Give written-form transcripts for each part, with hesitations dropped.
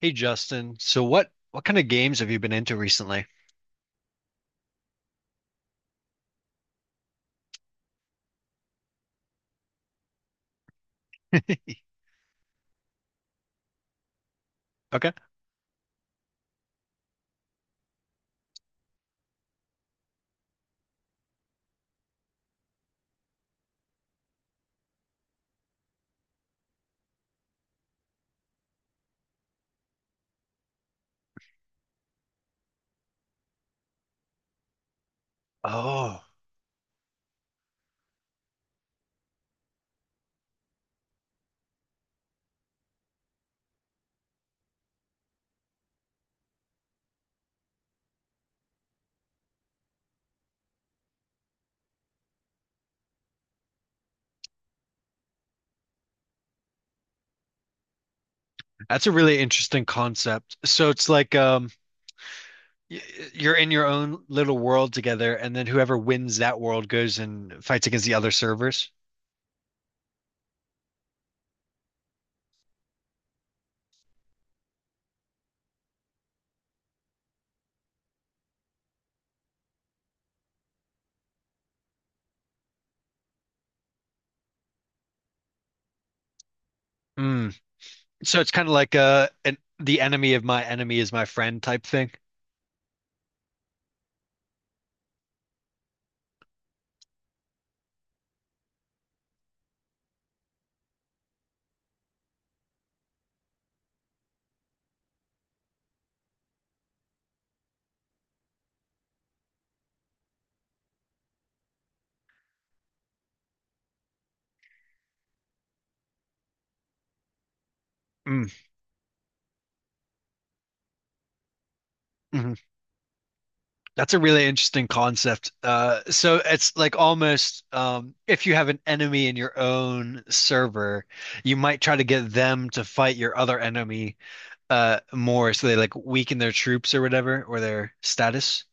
Hey Justin, so what kind of games have you been into recently? Okay. Oh, that's a really interesting concept. So it's like y- you're in your own little world together and then whoever wins that world goes and fights against the other servers. Mm. So it's kind of like the enemy of my enemy is my friend type thing. Mm. Mhm. That's a really interesting concept. So it's like almost if you have an enemy in your own server, you might try to get them to fight your other enemy more, so they like weaken their troops or whatever or their status.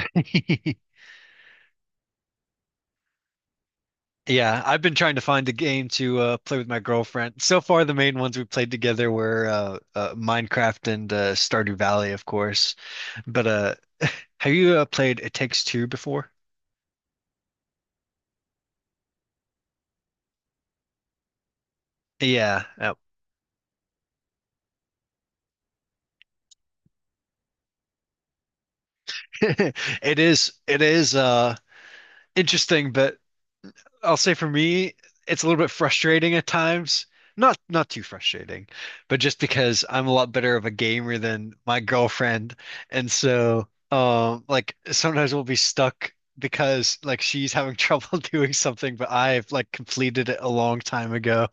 Yeah, I've been trying to find a game to play with my girlfriend. So far, the main ones we played together were Minecraft and Stardew Valley, of course. But have you played It Takes Two before? Yeah. It is interesting, but I'll say for me, it's a little bit frustrating at times. Not too frustrating, but just because I'm a lot better of a gamer than my girlfriend. And so like sometimes we'll be stuck because like she's having trouble doing something, but I've like completed it a long time ago.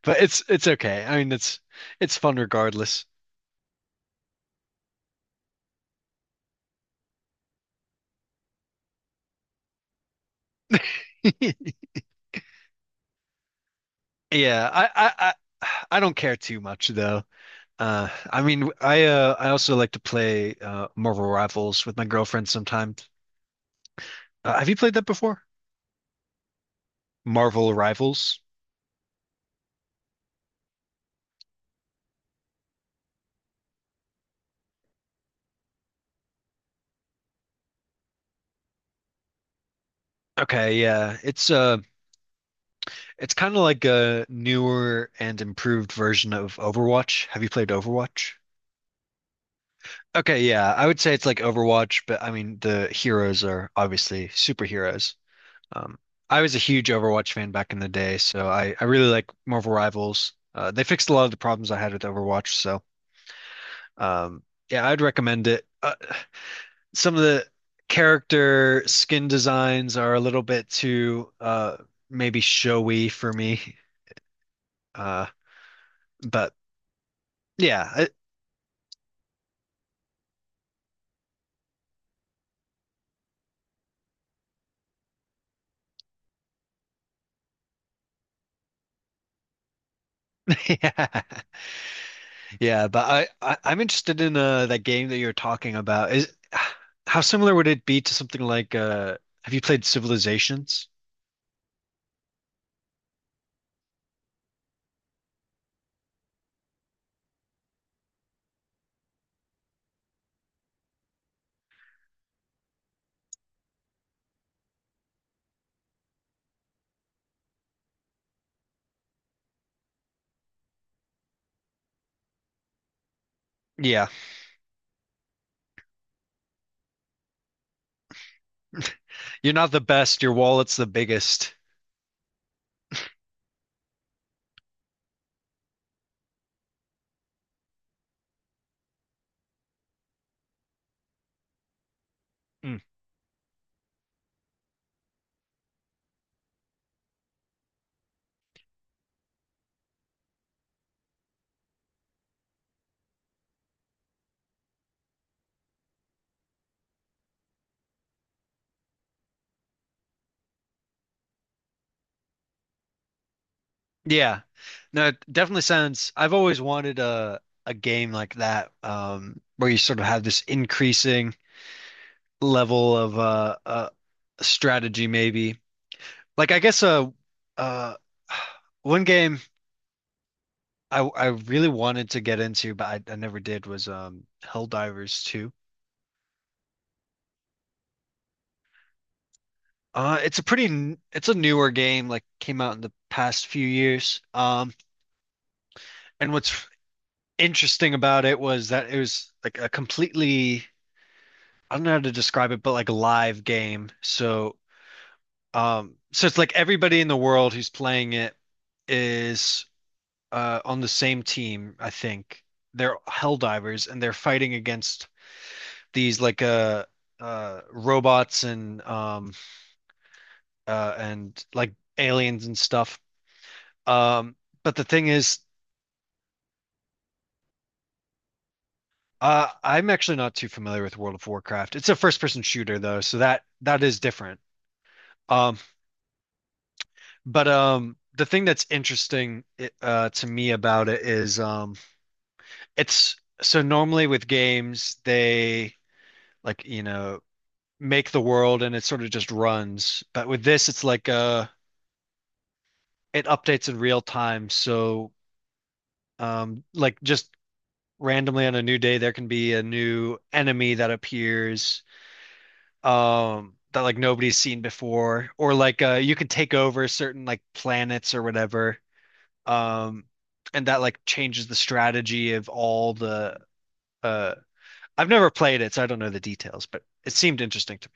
But it's okay. I mean it's fun regardless. Yeah, I don't care too much though. I mean, I also like to play Marvel Rivals with my girlfriend sometimes. Have you played that before? Marvel Rivals. Okay, yeah, it's kind of like a newer and improved version of Overwatch. Have you played Overwatch? Okay, yeah, I would say it's like Overwatch, but I mean the heroes are obviously superheroes. Um, I was a huge Overwatch fan back in the day, so I really like Marvel Rivals. They fixed a lot of the problems I had with Overwatch, so. Um, yeah, I'd recommend it. Some of the character skin designs are a little bit too maybe showy for me. Uh, but yeah, I- yeah, yeah. But I'm interested in that game that you're talking about. Is how similar would it be to something like have you played Civilizations? Yeah, you're not the best. Your wallet's the biggest. Yeah. No, it definitely sounds I've always wanted a game like that where you sort of have this increasing level of strategy maybe. Like I guess uh one game I really wanted to get into but I never did was Helldivers 2. It's a it's a newer game like came out in the past few years. And what's interesting about it was that it was like a completely I don't know how to describe it, but like a live game. So it's like everybody in the world who's playing it is on the same team, I think. They're hell divers and they're fighting against these like robots and like aliens and stuff. Um, but the thing is, I'm actually not too familiar with World of Warcraft. It's a first person shooter though, so that is different. Um But the thing that's interesting to me about it is it's so normally with games they like you know make the world and it sort of just runs. But with this, it's like it updates in real time. So like just randomly on a new day, there can be a new enemy that appears that like nobody's seen before, or like you can take over certain like planets or whatever. Um, and that like changes the strategy of all the uh I've never played it, so I don't know the details, but it seemed interesting to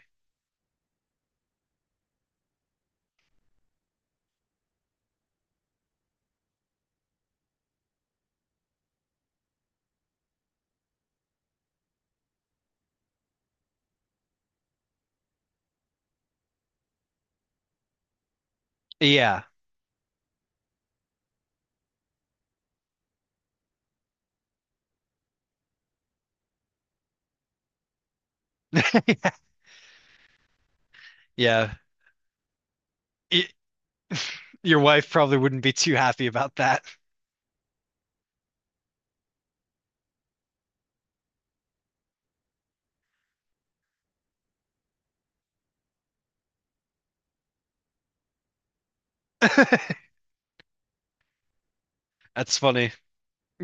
me. Yeah, yeah. Y- your wife probably wouldn't be too happy about that. That's funny.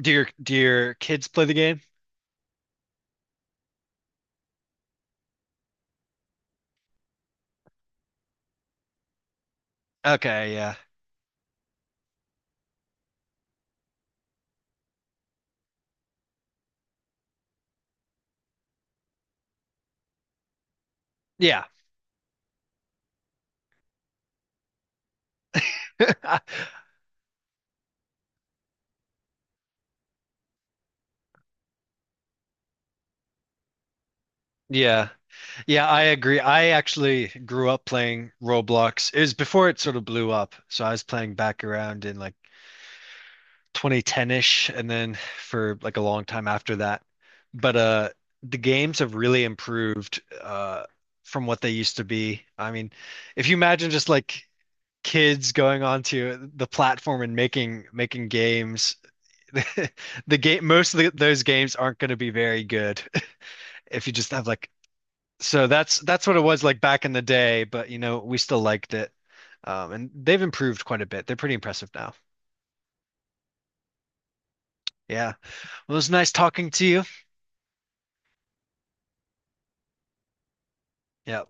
Do your kids play the game? Okay, yeah. Yeah. Yeah. Yeah, I agree. I actually grew up playing Roblox. It was before it sort of blew up. So I was playing back around in like 2010-ish and then for like a long time after that. But the games have really improved from what they used to be. I mean, if you imagine just like kids going onto the platform and making games, the game those games aren't going to be very good if you just have like so that's what it was like back in the day, but you know, we still liked it. And they've improved quite a bit. They're pretty impressive now. Yeah. Well, it was nice talking to you. Yeah.